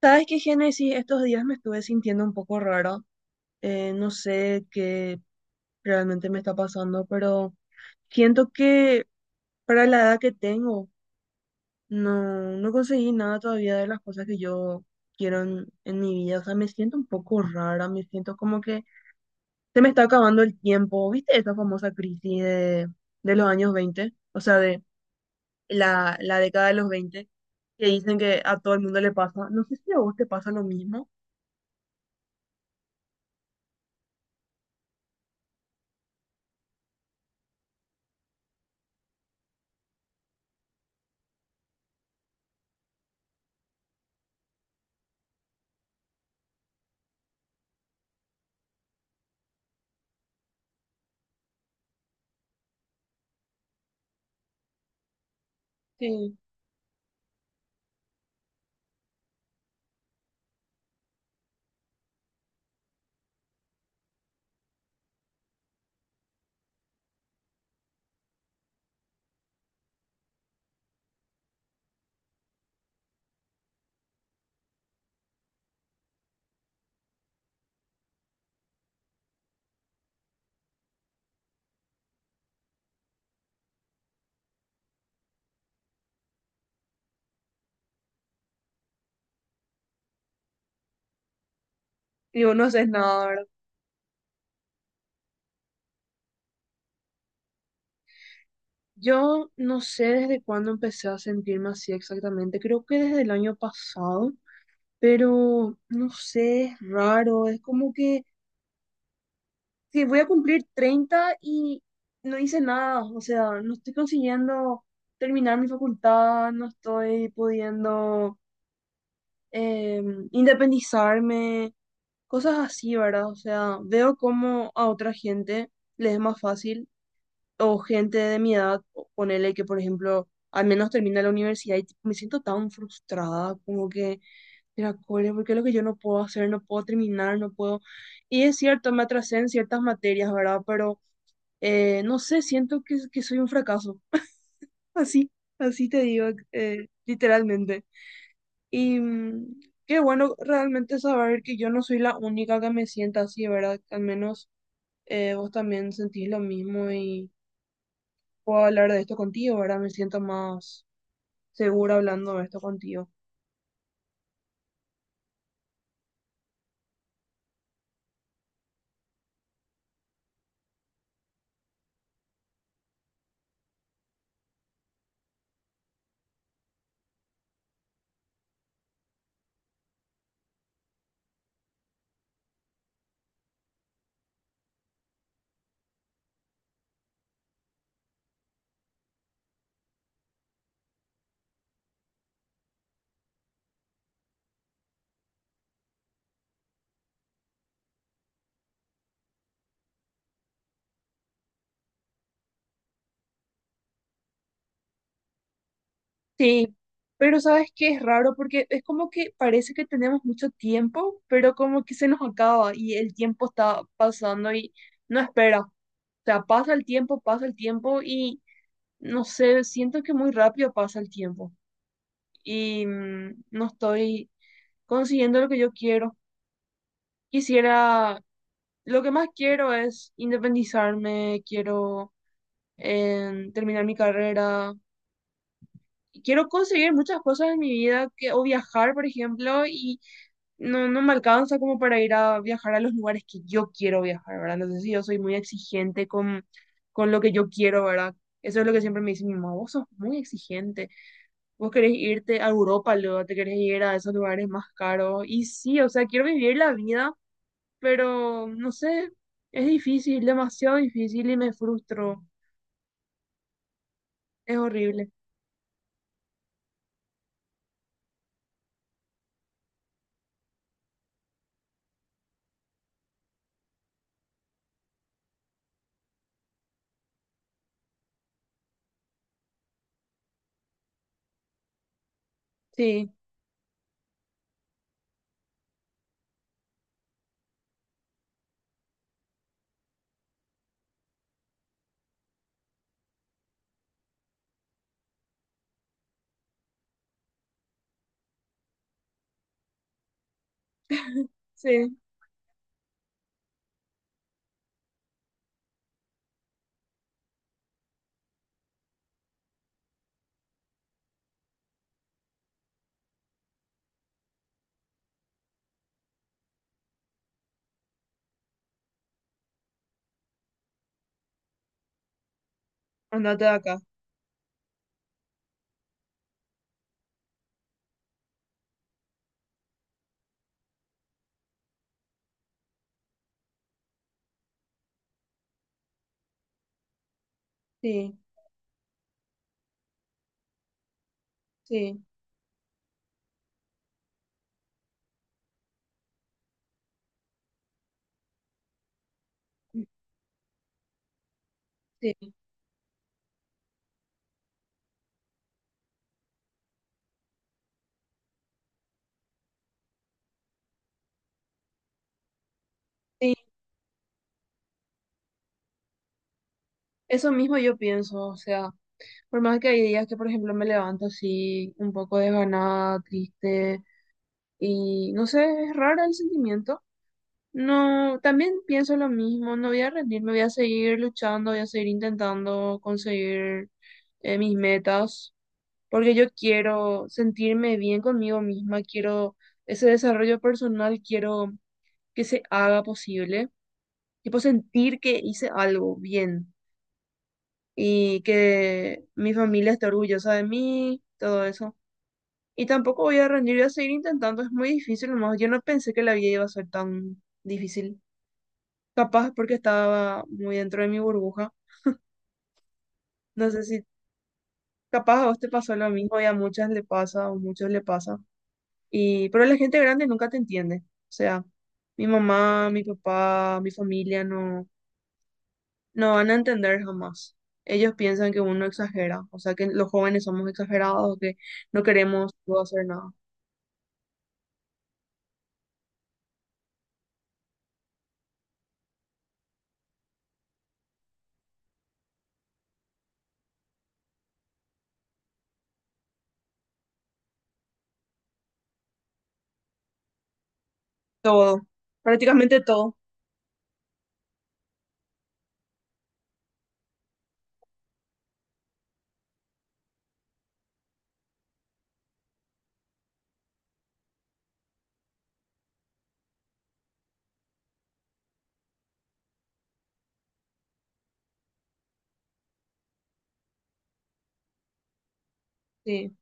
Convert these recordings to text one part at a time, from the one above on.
¿Sabes qué, Génesis? Estos días me estuve sintiendo un poco rara. No sé qué realmente me está pasando, pero siento que para la edad que tengo, no conseguí nada todavía de las cosas que yo quiero en mi vida. O sea, me siento un poco rara, me siento como que se me está acabando el tiempo. ¿Viste esa famosa crisis de los años 20? O sea, de la década de los 20, que dicen que a todo el mundo le pasa. No sé si a vos te pasa lo mismo. Y vos no haces nada, ¿verdad? Yo no sé desde cuándo empecé a sentirme así exactamente. Creo que desde el año pasado, pero no sé, es raro. Es como que voy a cumplir 30 y no hice nada. O sea, no estoy consiguiendo terminar mi facultad, no estoy pudiendo independizarme, cosas así, ¿verdad? O sea, veo cómo a otra gente les es más fácil o gente de mi edad, ponele que, por ejemplo, al menos termina la universidad y tipo, me siento tan frustrada, como que, mira, cole, ¿por qué es lo que yo no puedo hacer? No puedo terminar, no puedo. Y es cierto, me atrasé en ciertas materias, ¿verdad? Pero no sé, siento que soy un fracaso. Así, así te digo, literalmente. Y mm, qué bueno realmente saber que yo no soy la única que me sienta así, ¿verdad? Al menos vos también sentís lo mismo y. Puedo hablar de esto contigo, ¿verdad? Me siento más segura hablando de esto contigo. Sí, pero sabes qué es raro porque es como que parece que tenemos mucho tiempo, pero como que se nos acaba y el tiempo está pasando y no espera. O sea, pasa el tiempo y no sé, siento que muy rápido pasa el tiempo y mm, no estoy consiguiendo lo que yo quiero. Quisiera, lo que más quiero es independizarme, quiero terminar mi carrera, quiero conseguir muchas cosas en mi vida que, o viajar, por ejemplo, y no me alcanza como para ir a viajar a los lugares que yo quiero viajar, ¿verdad? Entonces, sí, yo soy muy exigente con lo que yo quiero, ¿verdad? Eso es lo que siempre me dice mi mamá, vos sos muy exigente, vos querés irte a Europa, luego te querés ir a esos lugares más caros. Y sí, o sea, quiero vivir la vida, pero no sé, es difícil, demasiado difícil y me frustro, es horrible. Sí, sí, andate de acá, sí, sí. Sí, sí, eso mismo yo pienso, o sea, por más que hay días que, por ejemplo, me levanto así un poco desganada, triste, y no sé, es raro el sentimiento. No, también pienso lo mismo, no voy a rendirme, voy a seguir luchando, voy a seguir intentando conseguir mis metas, porque yo quiero sentirme bien conmigo misma, quiero ese desarrollo personal, quiero que se haga posible, quiero sentir que hice algo bien. Y que mi familia esté orgullosa de mí, todo eso. Y tampoco voy a rendir, voy a seguir intentando, es muy difícil nomás. Yo no pensé que la vida iba a ser tan difícil. Capaz porque estaba muy dentro de mi burbuja. No sé si capaz a vos te pasó lo mismo y a muchas le pasa o muchos le pasa. Y, pero la gente grande nunca te entiende. O sea, mi mamá, mi papá, mi familia no. No van a entender jamás. Ellos piensan que uno exagera, o sea que los jóvenes somos exagerados, que no queremos no hacer nada. Todo, prácticamente todo, sí.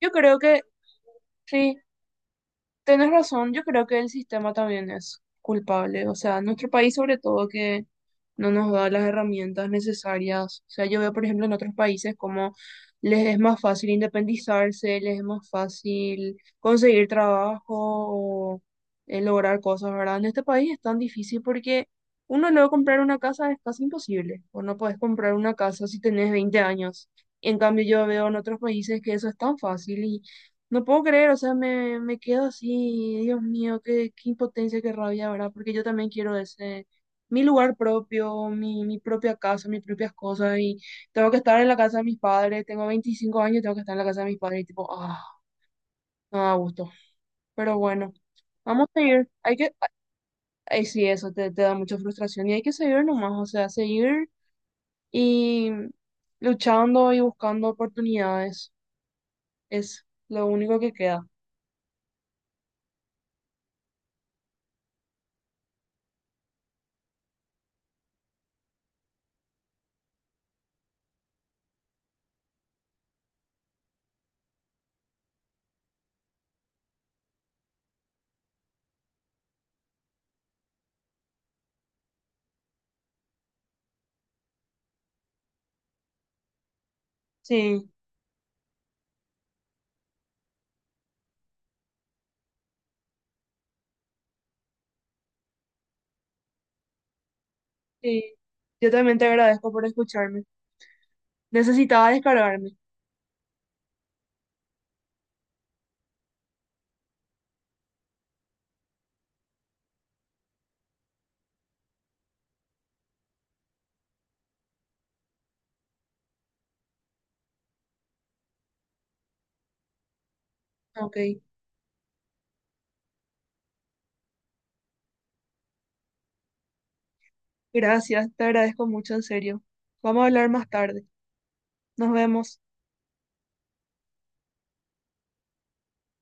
Yo creo que sí. Tenés razón, yo creo que el sistema también es culpable, o sea, nuestro país sobre todo que no nos da las herramientas necesarias, o sea, yo veo por ejemplo en otros países como les es más fácil independizarse, les es más fácil conseguir trabajo o lograr cosas, ¿verdad? En este país es tan difícil porque uno luego comprar una casa es casi imposible, o no podés comprar una casa si tenés 20 años. En cambio, yo veo en otros países que eso es tan fácil no puedo creer, o sea, me quedo así, Dios mío, qué impotencia, qué rabia, ¿verdad? Porque yo también quiero ese, mi lugar propio, mi propia casa, mis propias cosas, y tengo que estar en la casa de mis padres, tengo 25 años, tengo que estar en la casa de mis padres, y tipo, ah, no da gusto. Pero bueno, vamos a seguir, hay que, ay, sí, eso te da mucha frustración, y hay que seguir nomás, o sea, seguir y luchando y buscando oportunidades, es lo único que queda. Sí. Sí, yo también te agradezco por escucharme. Necesitaba descargarme. Ok, gracias, te agradezco mucho, en serio. Vamos a hablar más tarde. Nos vemos.